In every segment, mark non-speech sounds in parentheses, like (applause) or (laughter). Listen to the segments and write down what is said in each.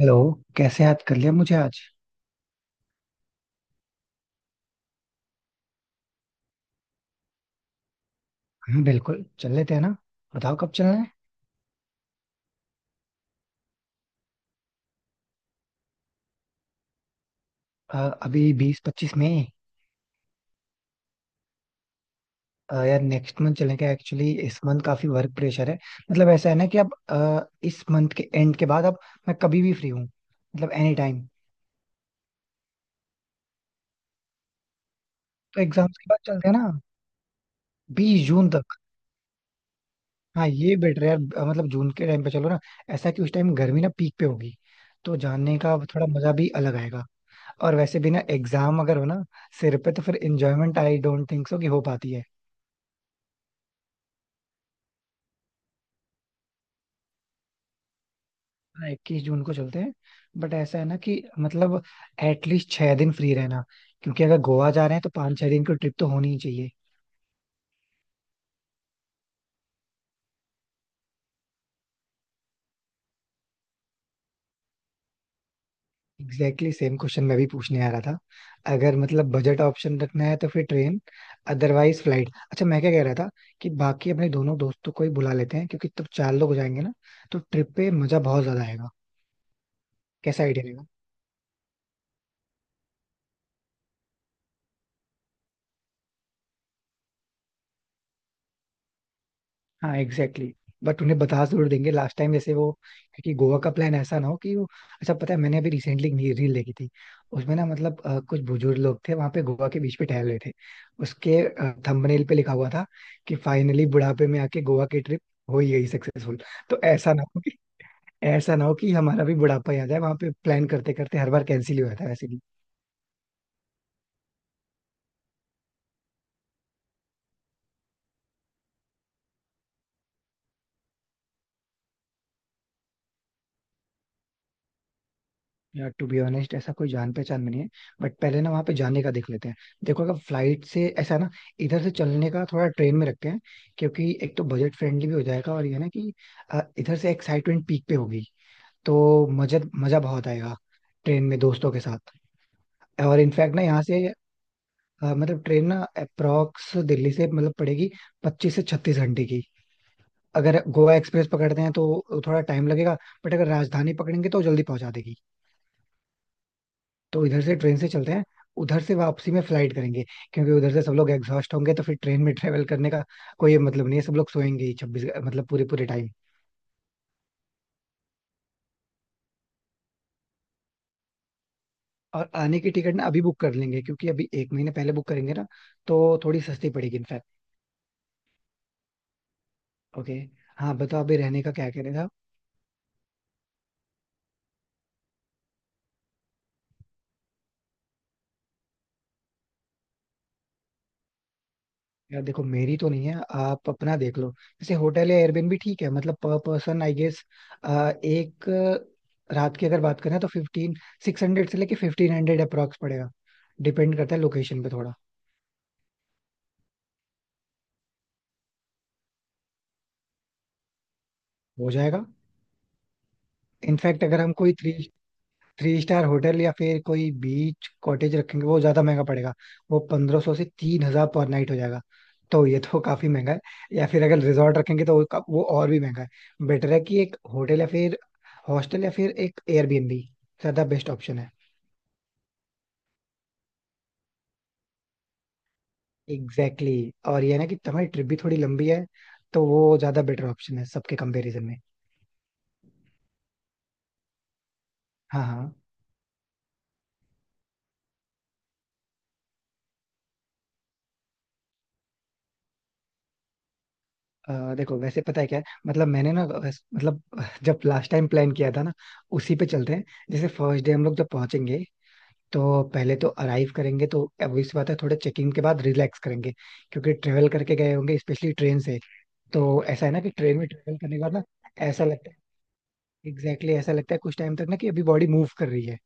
Hello. कैसे याद कर लिया मुझे आज? हाँ, बिल्कुल चल लेते हैं ना. बताओ कब चलना है. अ, अभी 20-25 में? यार नेक्स्ट मंथ चलेंगे, एक्चुअली इस मंथ काफी वर्क प्रेशर है. मतलब ऐसा है ना कि अब इस मंथ के एंड के बाद अब मैं कभी भी फ्री हूँ, मतलब एनी टाइम. तो एग्जाम्स के बाद चलते हैं ना. 20 जून तक? हाँ, ये बेटर है यार. मतलब जून के टाइम पे चलो ना. ऐसा कि उस टाइम गर्मी ना पीक पे होगी, तो जानने का थोड़ा मजा भी अलग आएगा. और वैसे भी ना, एग्जाम अगर हो ना सिर पे, तो फिर enjoyment I don't think so कि हो पाती है. हाँ, 21 जून को चलते हैं. बट ऐसा है ना कि मतलब एटलीस्ट 6 दिन फ्री रहना, क्योंकि अगर गोवा जा रहे हैं तो 5-6 दिन की ट्रिप तो होनी ही चाहिए. एग्जैक्टली सेम क्वेश्चन मैं भी पूछने आ रहा था. अगर मतलब बजट ऑप्शन रखना है तो फिर ट्रेन, अदरवाइज फ्लाइट. अच्छा मैं क्या कह रहा था कि बाकी अपने दोनों दोस्तों को ही बुला लेते हैं, क्योंकि तब चार लोग हो जाएंगे ना, तो ट्रिप पे मजा बहुत ज्यादा आएगा. कैसा आइडिया? हाँ, एग्जैक्टली exactly. बट उन्हें बता जरूर देंगे, लास्ट टाइम जैसे वो, क्योंकि गोवा का प्लान ऐसा ना हो कि वो. अच्छा, पता है मैंने अभी रिसेंटली रील देखी थी. उसमें ना मतलब कुछ बुजुर्ग लोग थे, वहां पे गोवा के बीच पे टहल रहे थे. उसके थंबनेल पे लिखा हुआ था कि फाइनली बुढ़ापे में आके गोवा की ट्रिप हो ही गई सक्सेसफुल. तो ऐसा ना हो कि ऐसा ना हो कि हमारा भी बुढ़ापा याद है वहां पे, प्लान करते करते हर बार कैंसिल ही हुआ था वैसे. यार टू बी ऑनेस्ट ऐसा कोई जान पहचान में नहीं है. बट पहले ना वहां पे जाने का देख लेते हैं. देखो, अगर फ्लाइट से ऐसा है ना, इधर से चलने का थोड़ा ट्रेन में रखते हैं, क्योंकि एक तो बजट फ्रेंडली भी हो जाएगा, और ये ना कि इधर से एक्साइटमेंट पीक पे होगी. तो मजा मजा बहुत आएगा ट्रेन में दोस्तों के साथ. और इनफैक्ट ना यहाँ से मतलब ट्रेन ना अप्रोक्स दिल्ली से मतलब पड़ेगी 25 से 36 घंटे की, अगर गोवा एक्सप्रेस पकड़ते हैं तो थोड़ा टाइम लगेगा, बट अगर राजधानी पकड़ेंगे तो जल्दी पहुंचा देगी. तो इधर से ट्रेन से चलते हैं, उधर से वापसी में फ्लाइट करेंगे, क्योंकि उधर से सब लोग एग्जॉस्ट होंगे तो फिर ट्रेन में ट्रेवल करने का कोई मतलब नहीं है, सब लोग सोएंगे ही 26 मतलब पूरे पूरे टाइम. और आने की टिकट ना अभी बुक कर लेंगे, क्योंकि अभी एक महीने पहले बुक करेंगे ना तो थोड़ी सस्ती पड़ेगी इनफैक्ट. ओके. हाँ, बताओ अभी रहने का क्या कहने था. यार देखो, मेरी तो नहीं है, आप अपना देख लो. जैसे होटल या एयरबेन भी ठीक है, मतलब पर पर्सन आई गेस एक रात की अगर बात करें तो फिफ्टीन 600 से लेके 1500 अप्रॉक्स पड़ेगा. डिपेंड करता है लोकेशन पे थोड़ा. हो जाएगा. इनफैक्ट अगर हम कोई थ्री थ्री स्टार होटल या फिर कोई बीच कॉटेज रखेंगे वो ज्यादा महंगा पड़ेगा, वो 1500 से 3000 पर नाइट हो जाएगा, तो ये तो (laughs) काफी महंगा है. या फिर अगर रिजॉर्ट रखेंगे तो वो वो और भी महंगा है. बेटर है कि एक होटल या फिर हॉस्टल या फिर एक एयरबीएनबी ज्यादा बेस्ट ऑप्शन है. Exactly exactly. और ये है ना कि तुम्हारी ट्रिप भी थोड़ी लंबी है, तो वो ज्यादा बेटर ऑप्शन है सबके कंपैरिजन में. हाँ, हाँ. देखो वैसे पता है क्या है, मतलब मैंने ना मतलब जब लास्ट टाइम प्लान किया था ना, उसी पे चलते हैं. जैसे फर्स्ट डे हम लोग जब पहुंचेंगे तो पहले तो अराइव करेंगे, तो obvious सी बात है, थोड़े चेकिंग के बाद रिलैक्स करेंगे, क्योंकि ट्रेवल करके गए होंगे स्पेशली ट्रेन से. तो ऐसा है ना कि ट्रेन में ट्रेवल करने के बाद ना ऐसा लगता है, एग्जैक्टली exactly ऐसा लगता है कुछ टाइम तक ना, कि अभी बॉडी मूव कर रही है.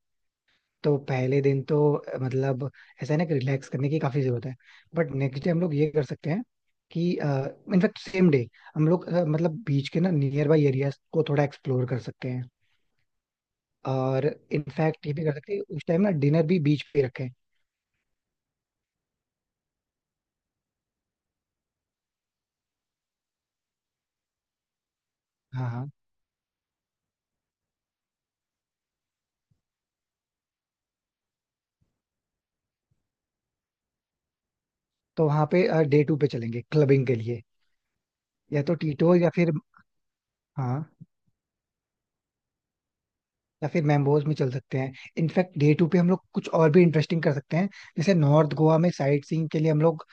तो पहले दिन तो मतलब ऐसा है ना कि रिलैक्स करने की काफी जरूरत है. बट नेक्स्ट डे हम लोग ये कर सकते हैं कि, इनफैक्ट सेम डे, हम लोग मतलब बीच के ना नियर बाई एरियाज को थोड़ा एक्सप्लोर कर सकते हैं. और इनफैक्ट ये भी कर सकते हैं, उस टाइम ना डिनर भी बीच पे रखें. हाँ, हाँ. तो वहाँ पे डे टू पे चलेंगे क्लबिंग के लिए. या तो टीटो या फिर. हाँ, या फिर मैम्बोज में चल सकते हैं. इनफैक्ट डे टू पे हम लोग कुछ और भी इंटरेस्टिंग कर सकते हैं, जैसे नॉर्थ गोवा में साइट सीइंग के लिए हम लोग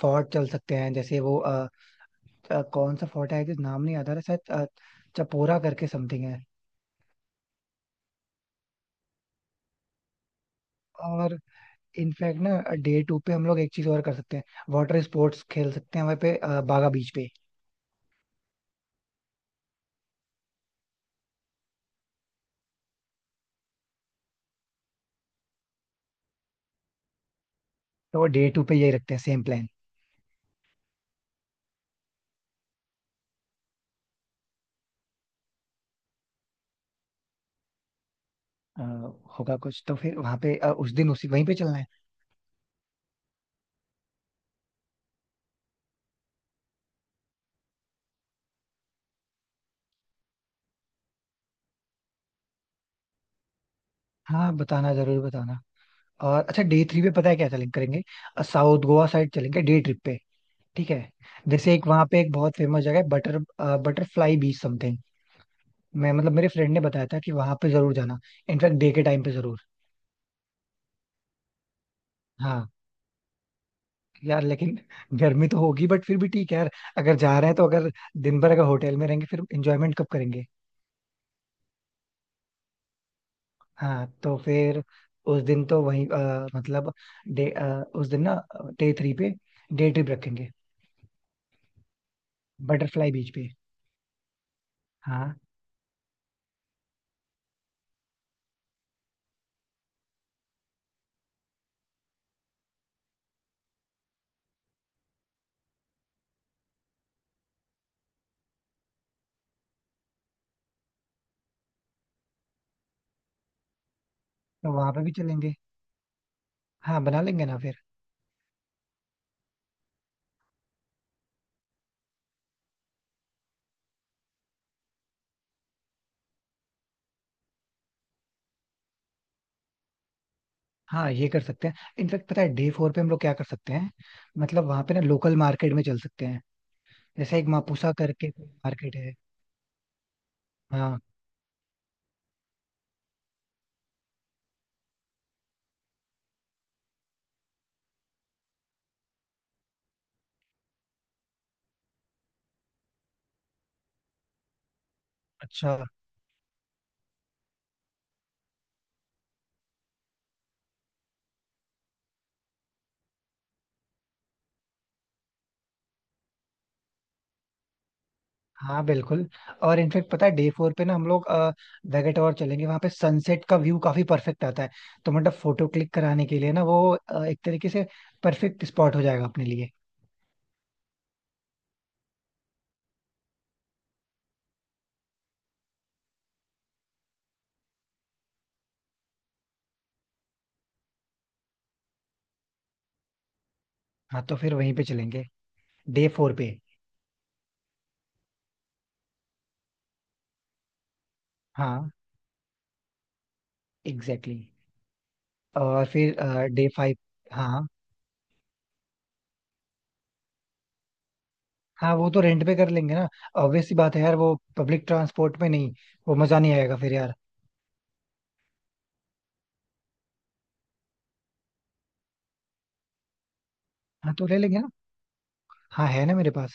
फोर्ट चल सकते हैं, जैसे वो कौन सा फोर्ट है जिस नाम नहीं याद आ रहा, शायद चपोरा करके समथिंग है. और इनफैक्ट ना डे टू पे हम लोग एक चीज और कर सकते हैं, वाटर स्पोर्ट्स खेल सकते हैं वहाँ पे बागा बीच पे. तो डे टू पे यही रखते हैं, सेम प्लान. होगा कुछ तो फिर, वहाँ पे उस दिन उसी वहीं पे चलना है. हाँ, बताना जरूर बताना. और अच्छा डे थ्री पे पता है क्या चलेंगे करेंगे? साउथ गोवा साइड चलेंगे डे ट्रिप पे. ठीक है. जैसे एक वहाँ पे एक बहुत फेमस जगह है, बटर बटरफ्लाई बीच समथिंग. मैं मतलब मेरे फ्रेंड ने बताया था कि वहां पे जरूर जाना, इनफैक्ट डे के टाइम पे जरूर. हाँ. यार लेकिन गर्मी तो होगी, बट फिर भी ठीक है यार, अगर जा रहे हैं तो, अगर दिन भर अगर होटल में रहेंगे फिर एंजॉयमेंट कब करेंगे? हाँ तो फिर उस दिन तो वहीं मतलब डे उस दिन ना डे थ्री पे डे ट्रिप रखेंगे बटरफ्लाई बीच पे. हाँ, तो वहां पे भी चलेंगे. हाँ, बना लेंगे ना फिर. हाँ, ये कर सकते हैं. इनफेक्ट पता है डे फोर पे हम लोग क्या कर सकते हैं, मतलब वहां पे ना लोकल मार्केट में चल सकते हैं, जैसे एक मापुसा करके मार्केट है. हाँ. अच्छा. हाँ, बिल्कुल. और इनफेक्ट पता है डे फोर पे ना हम लोग वेगेटोर और चलेंगे, वहां पे सनसेट का व्यू काफी परफेक्ट आता है, तो मतलब फोटो क्लिक कराने के लिए ना वो एक तरीके से परफेक्ट स्पॉट हो जाएगा अपने लिए. हाँ तो फिर वहीं पे चलेंगे डे फोर पे. हाँ, एग्जैक्टली exactly. और फिर डे फाइव. हाँ. हाँ, वो तो रेंट पे कर लेंगे ना, ऑब्वियस सी बात है यार, वो पब्लिक ट्रांसपोर्ट में नहीं, वो मजा नहीं आएगा फिर यार. हाँ तो ले लेंगे ना. हाँ, है ना मेरे पास.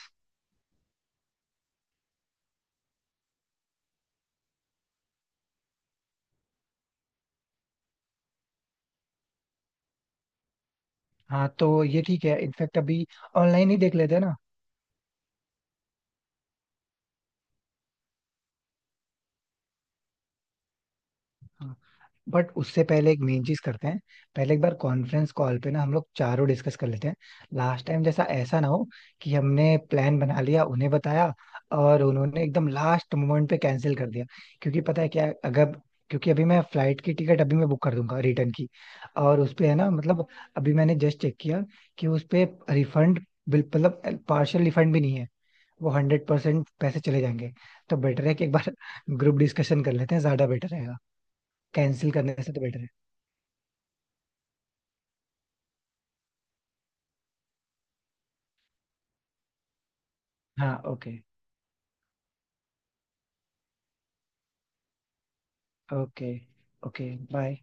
हाँ, तो ये ठीक है इनफेक्ट, अभी ऑनलाइन ही देख लेते हैं. ना, बट उससे पहले एक मेन चीज करते हैं, पहले एक बार कॉन्फ्रेंस कॉल पे ना हम लोग चारों डिस्कस कर लेते हैं. लास्ट टाइम जैसा ऐसा ना हो कि हमने प्लान बना लिया, उन्हें बताया, और उन्होंने एकदम लास्ट मोमेंट पे कैंसिल कर दिया, क्योंकि पता है क्या अगर, क्योंकि अभी मैं फ्लाइट की टिकट अभी मैं बुक कर दूंगा रिटर्न की. और उस पे है ना मतलब, अभी मैंने जस्ट चेक किया कि उस पे रिफंड बिल मतलब पार्शियल रिफंड भी नहीं है, वो 100% पैसे चले जाएंगे. तो बेटर है कि एक बार ग्रुप डिस्कशन कर लेते हैं, ज्यादा बेटर रहेगा. कैंसिल करने से तो बेटर है. हाँ, ओके. ओके. Okay, bye.